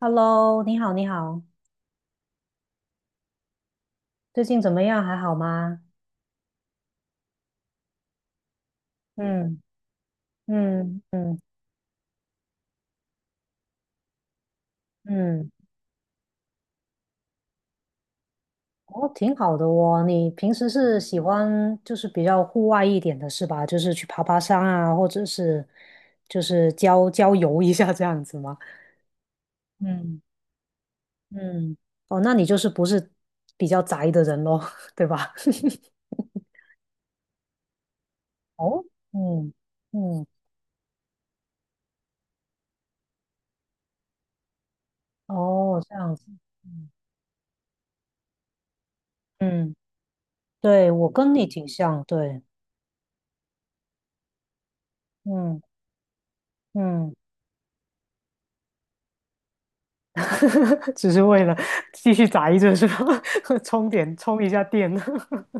Hello，你好，你好，最近怎么样？还好吗？嗯，嗯嗯嗯嗯，哦，挺好的哦。你平时是喜欢就是比较户外一点的是吧？就是去爬爬山啊，或者是就是郊游一下这样子吗？嗯嗯，哦，那你就是不是比较宅的人咯，对吧？哦，嗯嗯，哦，这样子，嗯，对，我跟你挺像，对，嗯嗯。只是为了继续宅一阵是吧？充一下电。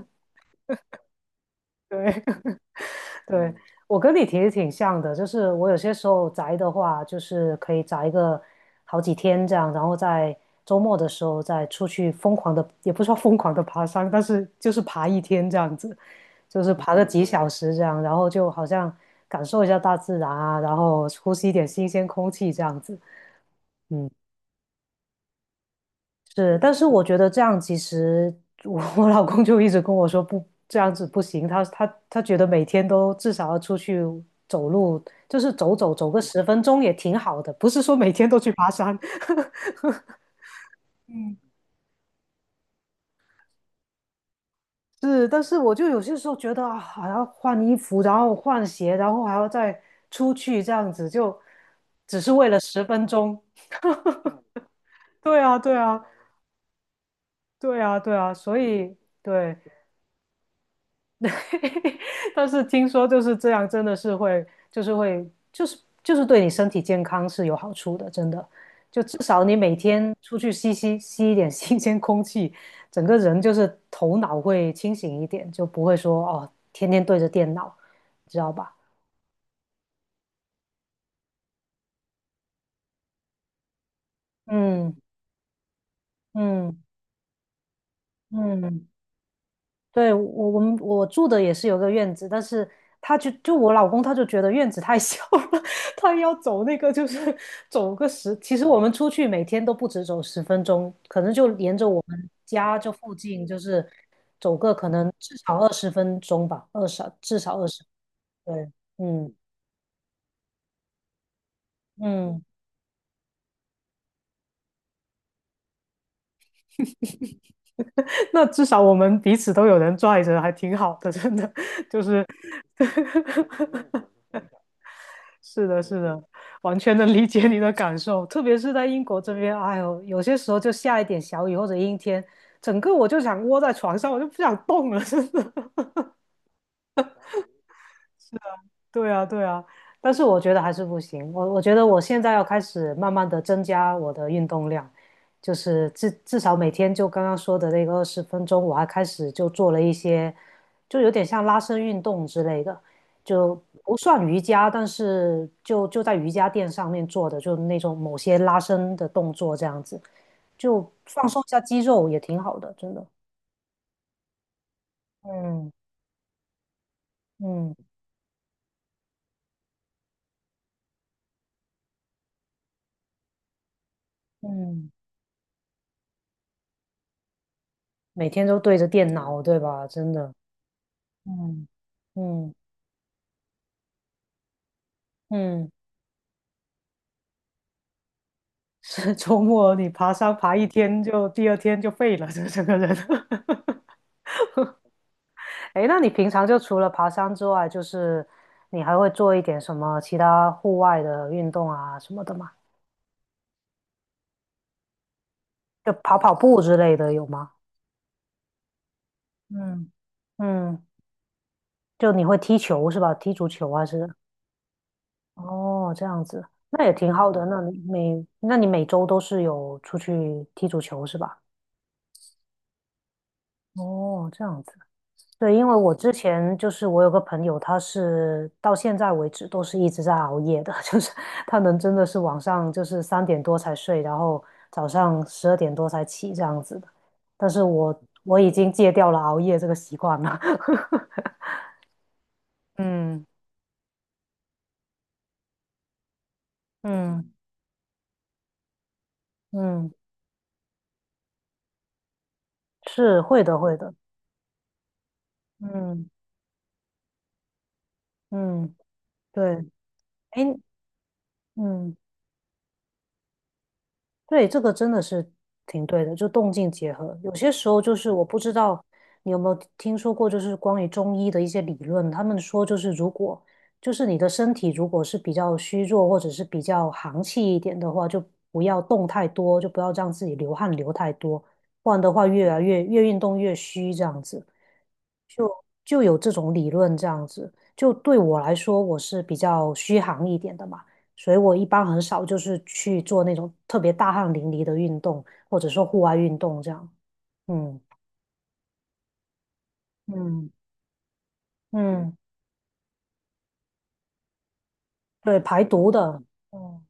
对对，我跟你其实挺像的，就是我有些时候宅的话，就是可以宅个好几天这样，然后在周末的时候再出去疯狂的，也不是说疯狂的爬山，但是就是爬一天这样子，就是爬个几小时这样，然后就好像感受一下大自然啊，然后呼吸一点新鲜空气这样子。嗯。是，但是我觉得这样其实我老公就一直跟我说不这样子不行，他觉得每天都至少要出去走路，就是走个十分钟也挺好的，不是说每天都去爬山。是，但是我就有些时候觉得啊，还要换衣服，然后换鞋，然后还要再出去这样子，就只是为了十分钟。对啊，对啊，对啊，对啊，所以对，但是听说就是这样，真的是会，就是会，就是对你身体健康是有好处的，真的。就至少你每天出去吸一点新鲜空气，整个人就是头脑会清醒一点，就不会说哦，天天对着电脑，知道吧？嗯嗯嗯。对，我住的也是有个院子，但是他就我老公他就觉得院子太 小了，他要走那个就是走个十，其实我们出去每天都不止走十分钟，可能就沿着我们家这附近就是走个可能至少二十分钟吧，二十至少二十，对，嗯嗯，那至少我们彼此都有人拽着，还挺好的，真的就是。是的，是的，完全能理解你的感受，特别是在英国这边，哎呦，有些时候就下一点小雨或者阴天，整个我就想窝在床上，我就不想动了，真的。对啊，对啊，但是我觉得还是不行。我觉得我现在要开始慢慢的增加我的运动量，就是至少每天就刚刚说的那个二十分钟，我还开始就做了一些，就有点像拉伸运动之类的，就不算瑜伽，但是就在瑜伽垫上面做的，就那种某些拉伸的动作这样子，就放松一下肌肉也挺好的，真的。嗯嗯嗯，每天都对着电脑，对吧？真的。嗯嗯嗯，是 周末你爬山爬一天就第二天就废了，这整个人。哎那你平常就除了爬山之外，就是你还会做一点什么其他户外的运动啊什么的吗？就跑跑步之类的有吗？嗯嗯，就你会踢球是吧？踢足球还是？哦，这样子，那也挺好的。那你每周都是有出去踢足球是吧？哦，这样子。对，因为我之前就是我有个朋友，他是到现在为止都是一直在熬夜的，就是他能真的是晚上就是3点多才睡，然后早上12点多才起这样子的。但是我已经戒掉了熬夜这个习惯了。嗯嗯嗯，是会的会的。嗯嗯，对，哎嗯。对，这个真的是挺对的，就动静结合。有些时候就是我不知道你有没有听说过，就是关于中医的一些理论，他们说就是如果就是你的身体如果是比较虚弱或者是比较寒气一点的话，就不要动太多，就不要让自己流汗流太多，不然的话越运动越虚这样子。就就有这种理论这样子，就对我来说我是比较虚寒一点的嘛。所以我一般很少就是去做那种特别大汗淋漓的运动，或者说户外运动这样。嗯嗯嗯，对，排毒的。嗯，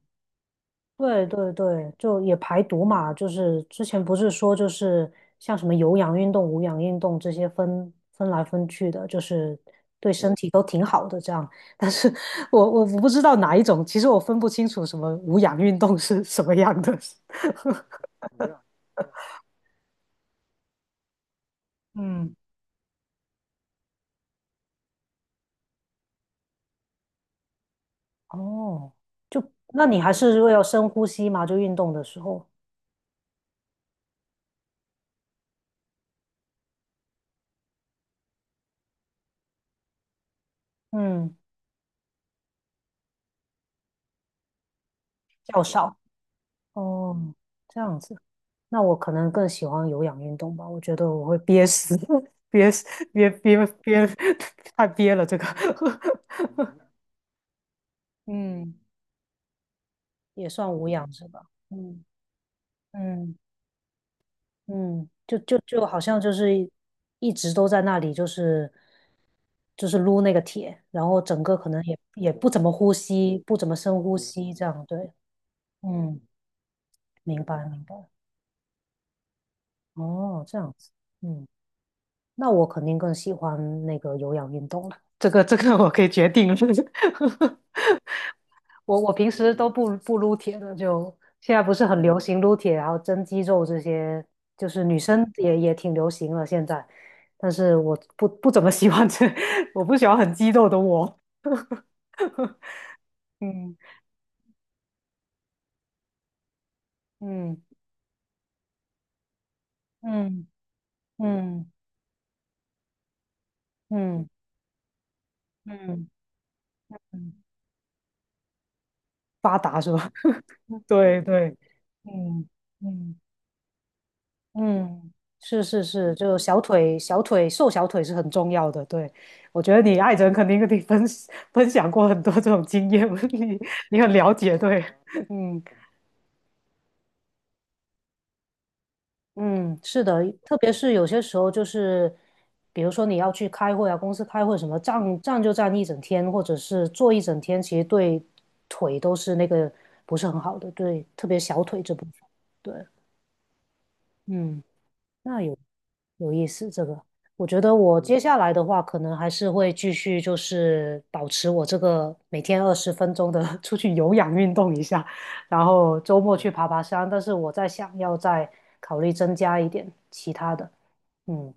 对对对，就也排毒嘛，就是之前不是说就是像什么有氧运动、无氧运动这些分来分去的，就是对身体都挺好的这样。但是我不知道哪一种，其实我分不清楚什么无氧运动是什么样的。嗯哦，就那你还是会要深呼吸嘛？就运动的时候，嗯，较少。哦，这样子，那我可能更喜欢有氧运动吧。我觉得我会憋死，憋死，憋憋憋，太憋了这个。嗯，也算无氧是吧？嗯嗯嗯，就好像就是一直都在那里，就是撸那个铁，然后整个可能也不怎么呼吸，不怎么深呼吸，这样对。嗯。明白明白。哦，这样子，嗯，那我肯定更喜欢那个有氧运动了。这个我可以决定了。我平时都不撸铁的，就现在不是很流行撸铁，然后增肌肉这些，就是女生也挺流行了现在。但是我不怎么喜欢这，我不喜欢很肌肉的我。嗯嗯嗯嗯嗯嗯嗯，发达是吧？对对，嗯嗯。嗯，是是是，就小腿小腿瘦小腿是很重要的。对，我觉得你爱人肯定跟你分享过很多这种经验，你很了解。对，嗯嗯，是的，特别是有些时候就是，比如说你要去开会啊，公司开会什么，就站一整天，或者是坐一整天，其实对腿都是那个不是很好的，对，特别小腿这部分。对，嗯。那有意思，这个我觉得我接下来的话，可能还是会继续就是保持我这个每天二十分钟的 出去有氧运动一下，然后周末去爬爬山。但是我在想要再考虑增加一点其他的，嗯，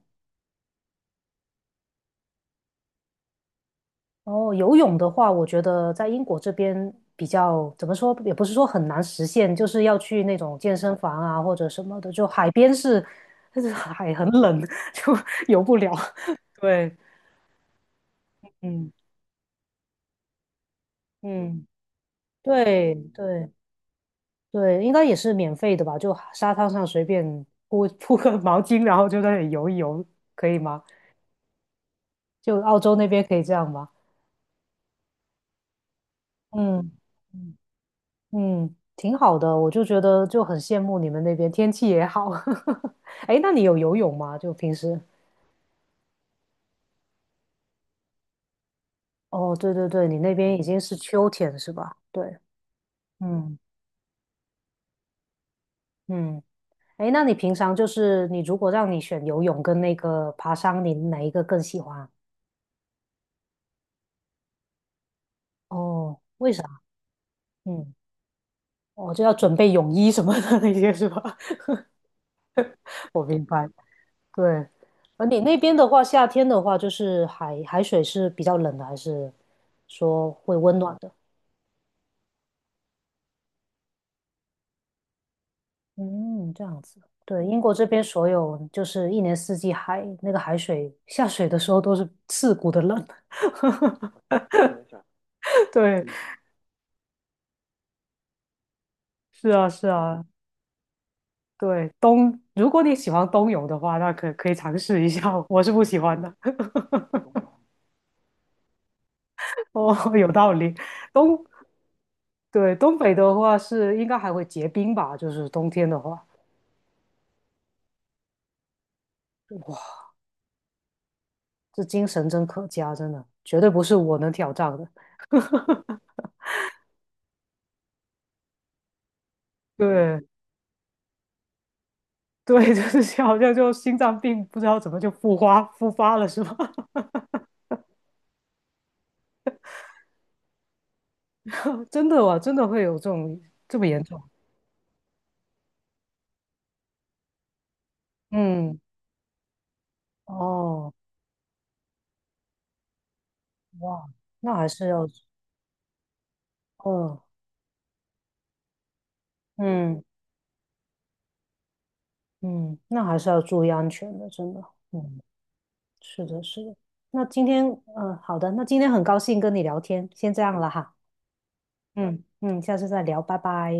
然后游泳的话，我觉得在英国这边比较怎么说，也不是说很难实现，就是要去那种健身房啊或者什么的，就海边是，但是海很冷，就游不了，对。嗯，嗯，对对对，应该也是免费的吧？就沙滩上随便铺 铺个毛巾，然后就在那里游一游，可以吗？就澳洲那边可以这样吗？嗯嗯，嗯，挺好的，我就觉得就很羡慕你们那边天气也好。哎那你有游泳吗？就平时？哦，对对对，你那边已经是秋天是吧？对，嗯嗯，哎，那你平常就是你如果让你选游泳跟那个爬山，你哪一个更喜欢？哦，为啥？嗯，我就要准备泳衣什么的那些是吧？我明白。对，而你那边的话，夏天的话，就是海水是比较冷的，还是说会温暖的？嗯，这样子。对，英国这边所有就是一年四季海那个海水下水的时候都是刺骨的冷。对，是啊，是啊，对，如果你喜欢冬泳的话，那可以尝试一下，我是不喜欢的。哦，有道理，冬。对，东北的话是应该还会结冰吧，就是冬天的话，哇，这精神真可嘉，真的绝对不是我能挑战的。对对，就是好像就心脏病不知道怎么就复发了是吧？真的哇，真的会有这种这么严重？嗯，哦，哇，那还是要，哦，嗯嗯，那还是要注意安全的，真的，嗯，是的，是的。那今天，嗯、好的，那今天很高兴跟你聊天，先这样了哈。嗯嗯，下次再聊，拜拜。